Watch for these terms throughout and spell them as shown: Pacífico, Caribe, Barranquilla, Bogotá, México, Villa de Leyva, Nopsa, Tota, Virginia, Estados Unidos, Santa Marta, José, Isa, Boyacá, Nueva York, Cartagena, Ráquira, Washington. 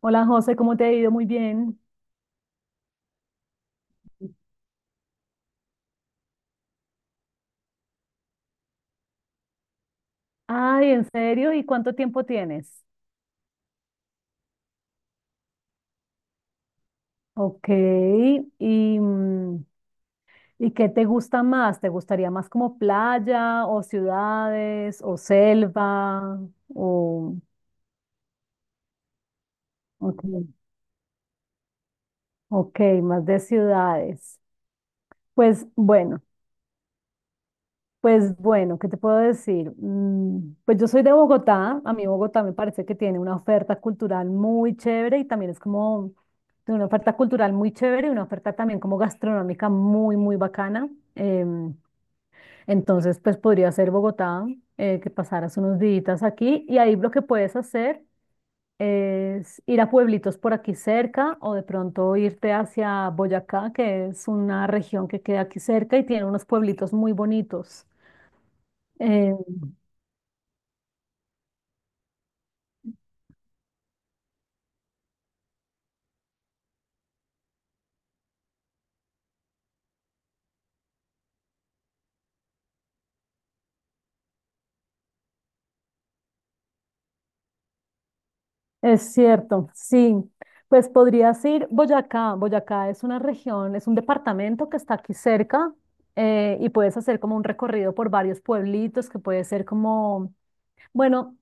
Hola José, ¿cómo te ha ido? Muy bien. Ay, ¿en serio? ¿Y cuánto tiempo tienes? Ok. ¿Y, mm, ¿y qué te gusta más? ¿Te gustaría más como playa o ciudades o selva? O, ok, ok, más de ciudades. Pues bueno. Pues bueno, ¿qué te puedo decir? Pues yo soy de Bogotá, a mí Bogotá me parece que tiene una oferta cultural muy chévere y también es como tiene una oferta cultural muy chévere y una oferta también como gastronómica muy, muy bacana. Em, entonces, pues podría ser Bogotá, que pasaras unos días aquí y ahí lo que puedes hacer es ir a pueblitos por aquí cerca o de pronto irte hacia Boyacá, que es una región que queda aquí cerca y tiene unos pueblitos muy bonitos. Eh, Es cierto, sí. Pues podrías ir Boyacá. Boyacá es una región, es un departamento que está aquí cerca, y puedes hacer como un recorrido por varios pueblitos que puede ser como, bueno,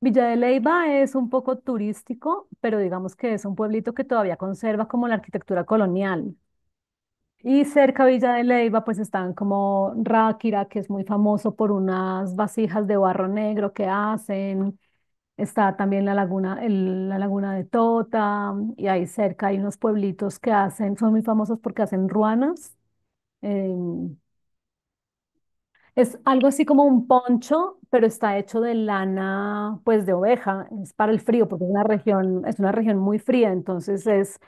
Villa de Leyva es un poco turístico, pero digamos que es un pueblito que todavía conserva como la arquitectura colonial. Y cerca a Villa de Leyva pues están como Ráquira, que es muy famoso por unas vasijas de barro negro que hacen. Está también la laguna, la laguna de Tota, y ahí cerca hay unos pueblitos que hacen, son muy famosos porque hacen ruanas. em, es algo así como un poncho, pero está hecho de lana, pues de oveja, es para el frío, porque es una región muy fría, entonces es,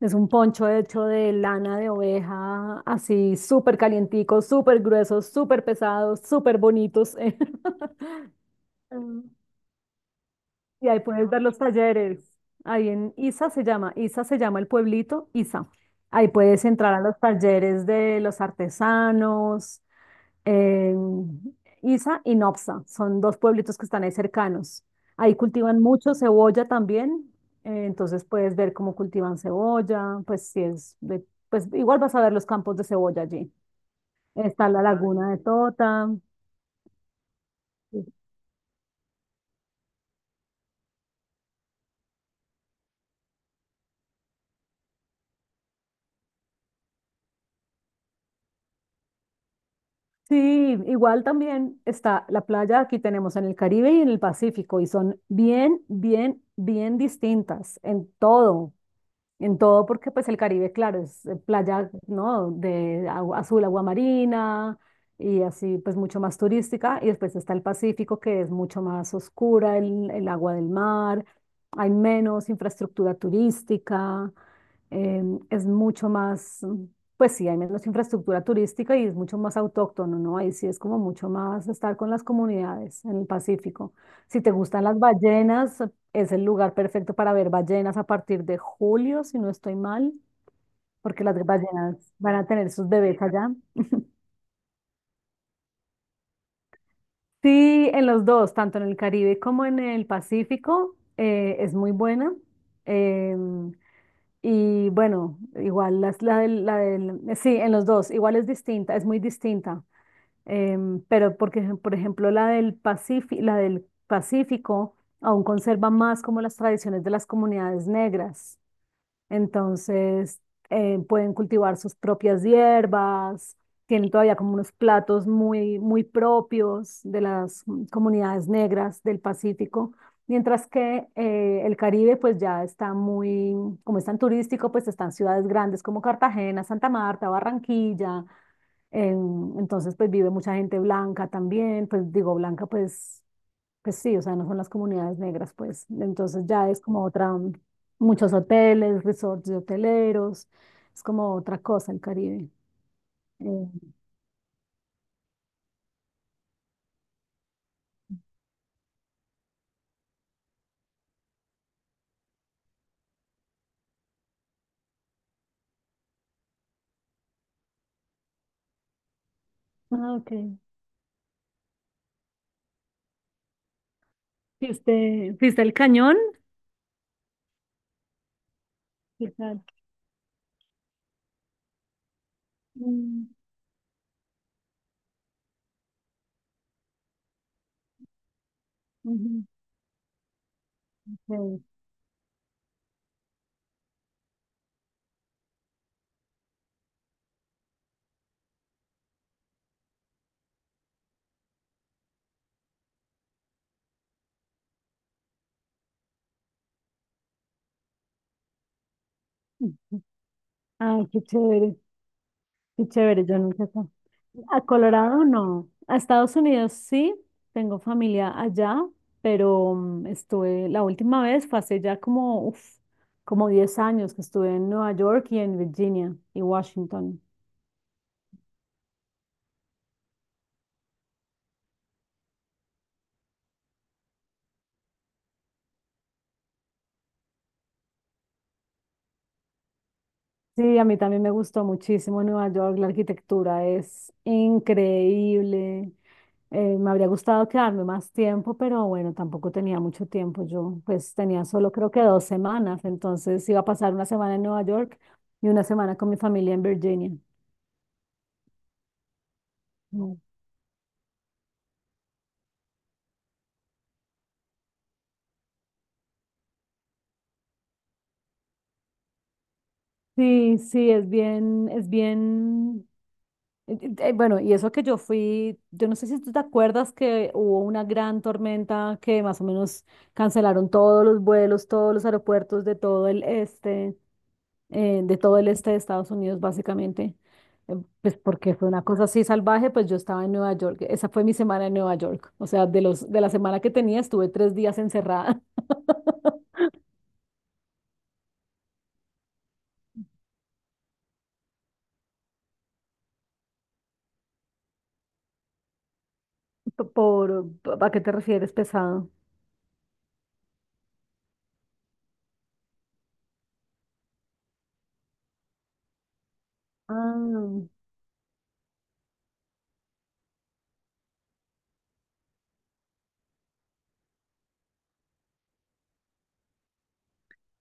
es un poncho hecho de lana de oveja, así súper calientico, súper grueso, súper pesado, súper bonitos. Mm. Y ahí puedes ver los talleres. Ahí en Isa se llama el pueblito, Isa. Ahí puedes entrar a los talleres de los artesanos, eh, Isa y Nopsa, son dos pueblitos que están ahí cercanos. Ahí cultivan mucho cebolla también, entonces puedes ver cómo cultivan cebolla, pues si es pues igual vas a ver los campos de cebolla allí. Está la laguna de Tota. Sí, igual también está la playa, aquí tenemos en el Caribe y en el Pacífico, y son bien, bien, bien distintas en todo, porque pues el Caribe, claro, es playa, ¿no? De agua azul, agua marina y así pues mucho más turística. Y después está el Pacífico, que es mucho más oscura, el agua del mar, hay menos infraestructura turística, es mucho más, pues sí, hay menos infraestructura turística y es mucho más autóctono, ¿no? Ahí sí es como mucho más estar con las comunidades en el Pacífico. Si te gustan las ballenas, es el lugar perfecto para ver ballenas a partir de julio, si no estoy mal, porque las ballenas van a tener sus bebés allá. Sí, en los dos, tanto en el Caribe como en el Pacífico, es muy buena. Em, y bueno, igual sí, en los dos, igual es distinta, es muy distinta. Pero porque, por ejemplo, la del Pacífico aún conserva más como las tradiciones de las comunidades negras. Entonces, pueden cultivar sus propias hierbas, tienen todavía como unos platos muy, muy propios de las comunidades negras del Pacífico, mientras que el Caribe pues ya está muy, como es tan turístico, pues están ciudades grandes como Cartagena, Santa Marta, Barranquilla, entonces pues vive mucha gente blanca también, pues digo blanca pues sí, o sea, no son las comunidades negras, pues. Entonces ya es como otra, muchos hoteles, resorts de hoteleros, es como otra cosa el Caribe. Eh, Ah, ok. ¿Fuiste al cañón? ¿Qué tal? Mm, ujú, ok. Ay, qué chévere, yo nunca he estado. A Colorado no. A Estados Unidos sí, tengo familia allá, pero estuve, la última vez fue hace ya como, uf, como 10 años que estuve en Nueva York y en Virginia y Washington. Sí, a mí también me gustó muchísimo Nueva York, la arquitectura es increíble. Me habría gustado quedarme más tiempo, pero bueno, tampoco tenía mucho tiempo. Yo pues tenía solo creo que 2 semanas, entonces iba a pasar una semana en Nueva York y una semana con mi familia en Virginia. No. Sí, sí, es bien, es bien. Bueno, y eso que yo fui, yo no sé si tú te acuerdas que hubo una gran tormenta que más o menos cancelaron todos los vuelos, todos los aeropuertos de todo el este, de todo el este de Estados Unidos, básicamente. Pues porque fue una cosa así salvaje, pues yo estaba en Nueva York. Esa fue mi semana en Nueva York. O sea, de la semana que tenía, estuve 3 días encerrada. Por, ¿a qué te refieres, pesado? Ah.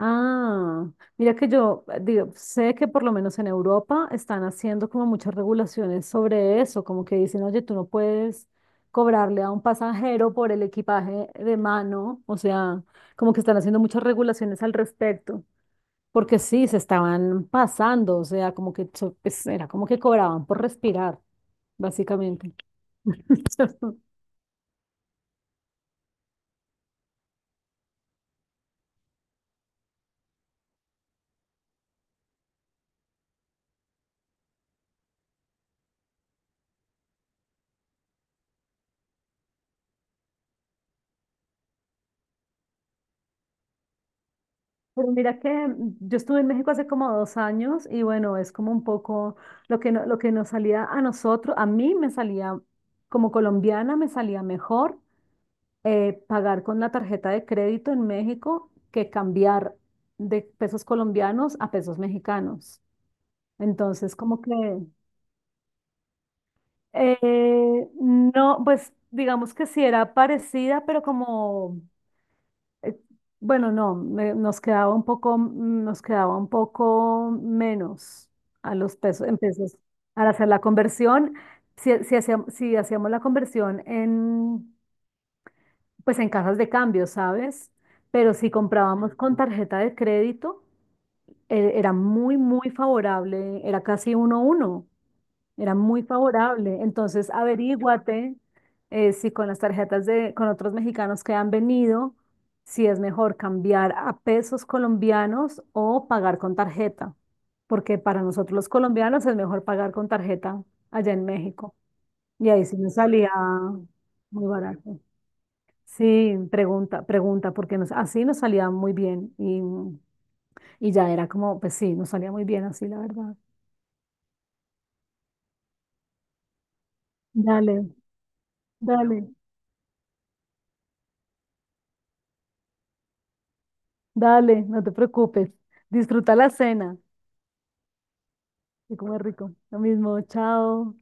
Ah, mira que yo digo, sé que por lo menos en Europa están haciendo como muchas regulaciones sobre eso, como que dicen, oye, tú no puedes cobrarle a un pasajero por el equipaje de mano, o sea, como que están haciendo muchas regulaciones al respecto, porque sí, se estaban pasando, o sea, como que pues, era como que cobraban por respirar, básicamente. Pero mira que yo estuve en México hace como 2 años y bueno, es como un poco lo que, lo que nos salía a nosotros, a mí me salía como colombiana, me salía mejor pagar con la tarjeta de crédito en México que cambiar de pesos colombianos a pesos mexicanos. Entonces, como que no, pues digamos que sí era parecida, pero como. eh, Bueno, no, nos quedaba un poco, nos quedaba un poco menos a los pesos, en pesos. Al hacer la conversión, si hacíamos la conversión en, pues en casas de cambio, ¿sabes? Pero si comprábamos con tarjeta de crédito, era muy, muy favorable, era casi uno a uno. Era muy favorable. Entonces, averíguate si con las tarjetas con otros mexicanos que han venido, si es mejor cambiar a pesos colombianos o pagar con tarjeta, porque para nosotros los colombianos es mejor pagar con tarjeta allá en México. Y ahí sí nos salía muy barato. Sí, pregunta, pregunta, porque así nos salía muy bien y ya era como, pues sí, nos salía muy bien así, la verdad. Dale, dale. Dale, no te preocupes. Disfruta la cena y come rico. Lo mismo, chao.